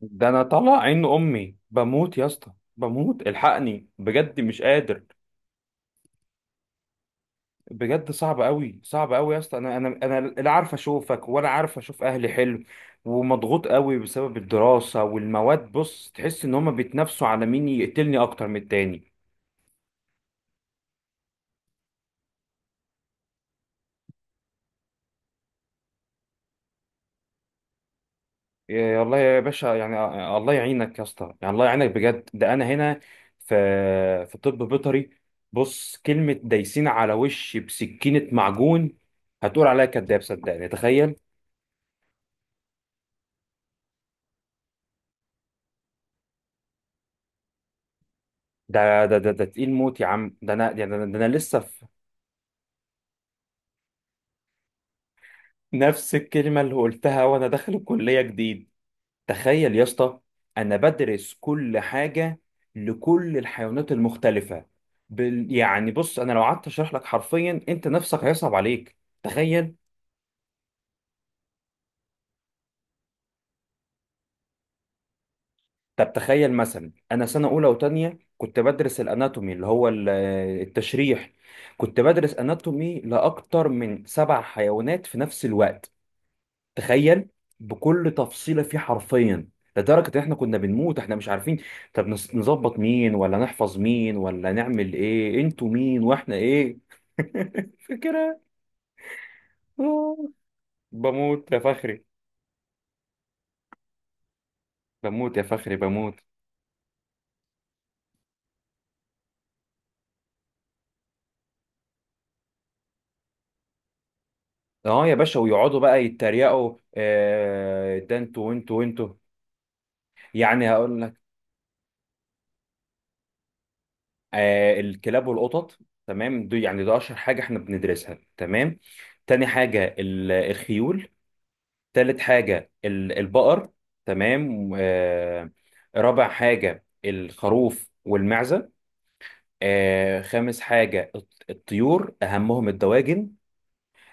ده انا طالع عين امي، بموت يا اسطى بموت، الحقني بجد مش قادر. بجد صعب قوي صعب قوي يا اسطى، انا لا عارف اشوفك ولا عارف اشوف اهلي. حلو ومضغوط قوي بسبب الدراسة والمواد. بص، تحس ان هما بيتنافسوا على مين يقتلني اكتر من التاني. يا الله يا باشا يعني. الله يعينك يا اسطى، يعني الله يعينك بجد. ده انا هنا في طب بيطري. بص، كلمة دايسين على وشي بسكينة معجون، هتقول عليا كداب. صدقني، تخيل. ده تقيل موت يا عم. ده انا يعني ده أنا لسه في نفس الكلمه اللي قلتها وانا داخل الكليه جديد. تخيل يا اسطى، انا بدرس كل حاجه لكل الحيوانات المختلفه. يعني بص، انا لو قعدت اشرح لك حرفيا، انت نفسك هيصعب عليك. تخيل. طب تخيل مثلا، انا سنه اولى وتانية كنت بدرس الاناتومي اللي هو التشريح. كنت بدرس اناتومي لاكتر من 7 حيوانات في نفس الوقت. تخيل، بكل تفصيله فيه حرفيا، لدرجه ان احنا كنا بنموت. احنا مش عارفين طب نظبط مين ولا نحفظ مين ولا نعمل ايه؟ انتوا مين واحنا ايه؟ فكره. آه. بموت يا فخري، بموت يا فخري، بموت. اه يا باشا، ويقعدوا بقى يتريقوا ده انتوا وانتوا وانتوا. يعني هقول لك، الكلاب والقطط. تمام، دي يعني ده اشهر حاجه احنا بندرسها. تمام. تاني حاجه الخيول. تالت حاجة البقر. تمام. رابع حاجة الخروف والمعزة. خامس حاجة الطيور، أهمهم الدواجن.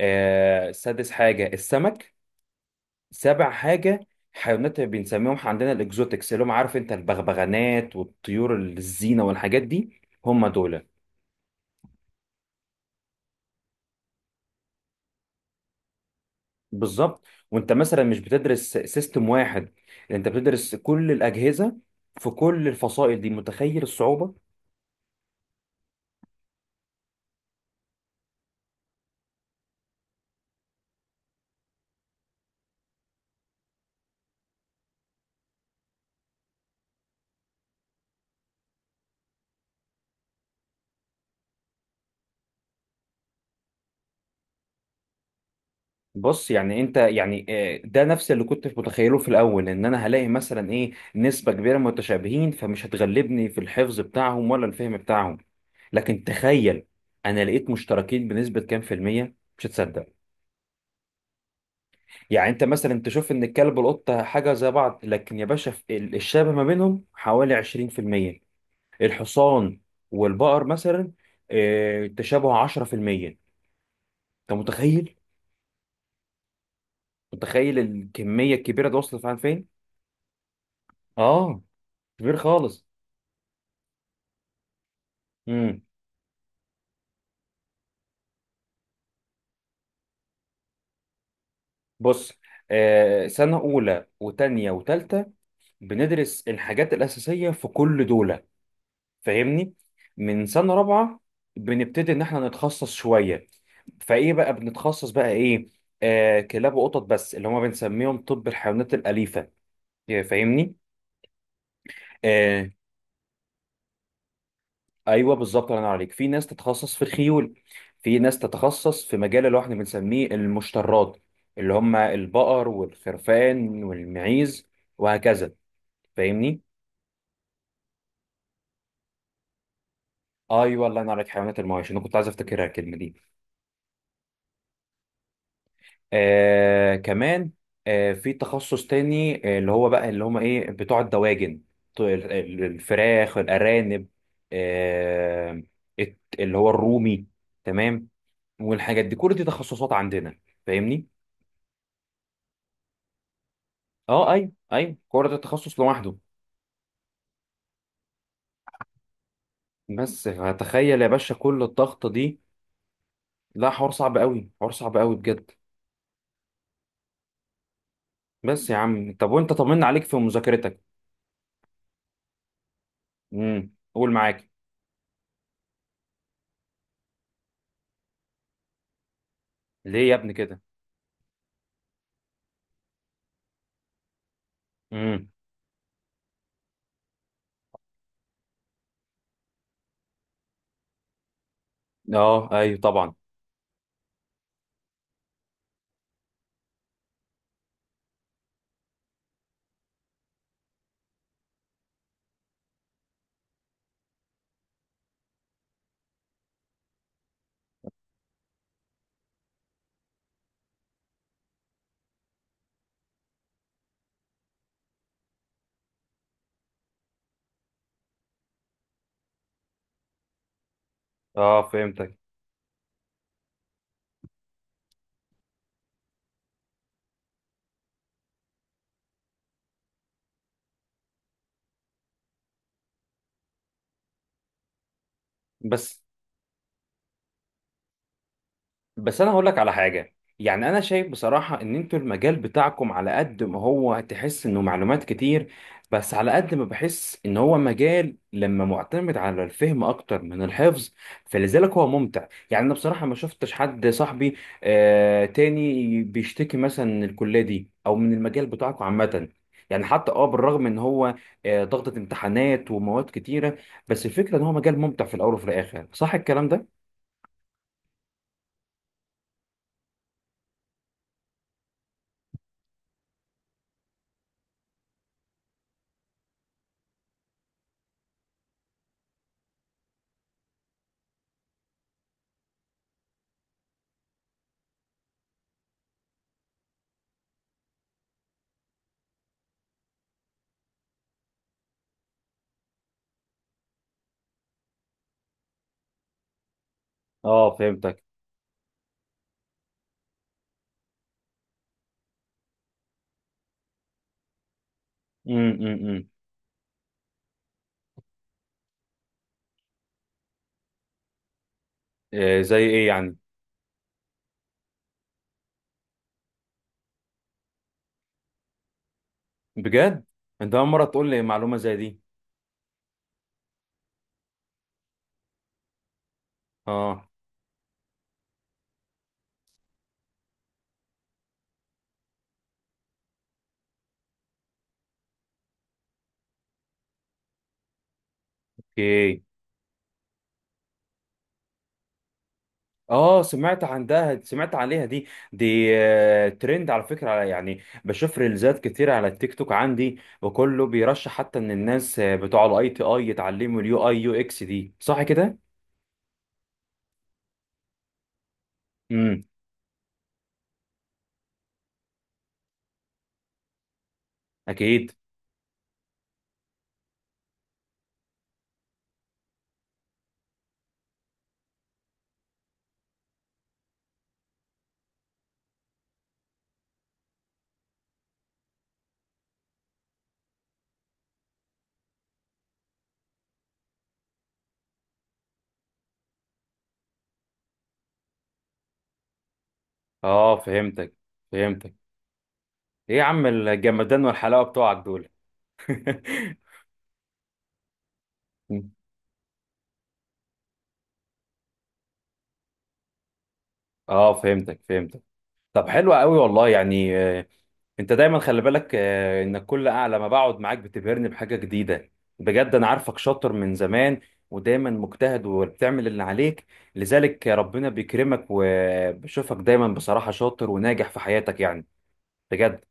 سادس حاجة السمك. سابع حاجة حيوانات بنسميهم عندنا الإكزوتكس، اللي هم عارف أنت البغبغانات والطيور الزينة والحاجات دي. هم دول. بالظبط. وأنت مثلا مش بتدرس سيستم واحد، أنت بتدرس كل الأجهزة في كل الفصائل دي. متخيل الصعوبة؟ بص يعني انت يعني، ده نفس اللي كنت متخيله في الاول، ان انا هلاقي مثلا ايه نسبة كبيرة متشابهين، فمش هتغلبني في الحفظ بتاعهم ولا الفهم بتاعهم. لكن تخيل، انا لقيت مشتركين بنسبة كام في المية، مش هتصدق. يعني انت مثلا تشوف ان الكلب والقطة حاجة زي بعض، لكن يا باشا في الشبه ما بينهم حوالي 20%. الحصان والبقر مثلا، تشابه 10%. انت متخيل الكمية الكبيرة دي وصلت فعلا فين؟ اه، كبير خالص. امم. بص، سنة أولى وتانية وتالتة بندرس الحاجات الأساسية في كل دولة. فاهمني؟ من سنة رابعة بنبتدي إن إحنا نتخصص شوية. فإيه بقى بنتخصص بقى إيه؟ كلاب وقطط بس اللي هما بنسميهم طب الحيوانات الأليفة. فاهمني؟ آه، ايوه بالظبط، الله ينور عليك. في ناس تتخصص في الخيول، في ناس تتخصص في مجال اللي هو احنا بنسميه المشترات، اللي هم البقر والخرفان والمعيز، وهكذا. فاهمني؟ ايوه، الله ينور عليك. حيوانات المواشي، انا كنت عايز افتكرها الكلمه دي. كمان، في تخصص تاني، اللي هو بقى اللي هم ايه، بتوع الدواجن، بتوع الفراخ، الارانب، آه اللي هو الرومي. تمام. والحاجات دي، كل دي تخصصات عندنا. فاهمني؟ اه، ايوه ايوه كوره، ده تخصص لوحده. بس تخيل يا باشا كل الضغطه دي. لا، حوار صعب قوي، حوار صعب قوي بجد. بس يا عم، طب وانت طمنا عليك في مذاكرتك. امم، قول، معاك. ليه يا ابني كده؟ امم. اه، ايوه طبعا. اه، فهمتك. بس بس انا هقول لك على حاجه، يعني انا شايف بصراحه ان انتوا المجال بتاعكم على قد ما هو تحس انه معلومات كتير، بس على قد ما بحس ان هو مجال لما معتمد على الفهم اكتر من الحفظ. فلذلك هو ممتع يعني. انا بصراحه ما شفتش حد صاحبي تاني بيشتكي مثلا من الكليه دي او من المجال بتاعكم عامه. يعني حتى بالرغم ان هو ضغطة امتحانات ومواد كتيره، بس الفكره ان هو مجال ممتع في الاول وفي الاخر. صح الكلام ده؟ اه، فهمتك. امم. زي ايه يعني؟ بجد، انت اول مره تقول لي معلومه زي دي. اه. اوكي. اه، سمعت عندها، سمعت عليها دي. دي ترند على فكره، يعني بشوف ريلزات كتير على التيك توك عندي، وكله بيرشح حتى ان الناس، بتوع الاي تي اي يتعلموا اليو اي يو اكس دي. صح كده؟ امم. اكيد. اه، فهمتك فهمتك. ايه يا عم الجمدان والحلاوه بتوعك دول! اه، فهمتك فهمتك. طب حلو قوي والله يعني. انت دايما خلي بالك انك كل اعلى ما بقعد معاك بتبهرني بحاجه جديده. بجد انا عارفك شاطر من زمان، ودايما مجتهد وبتعمل اللي عليك، لذلك ربنا بيكرمك، وبشوفك دايما بصراحه شاطر وناجح في حياتك يعني. بجد.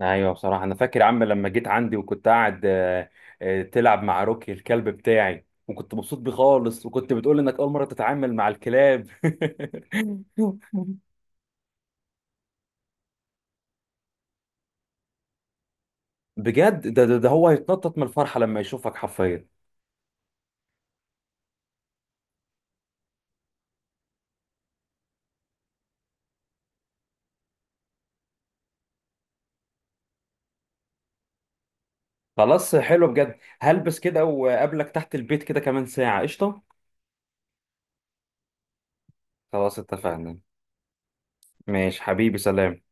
ايوه بصراحه، انا فاكر يا عم لما جيت عندي وكنت قاعد تلعب مع روكي الكلب بتاعي، وكنت مبسوط بيه خالص، وكنت بتقول انك اول مره تتعامل مع الكلاب. بجد، ده هو هيتنطط من الفرحه لما يشوفك حرفيا. خلاص، حلو بجد. هلبس كده وقابلك تحت البيت كده كمان ساعة. قشطة. خلاص اتفقنا. ماشي حبيبي، سلام.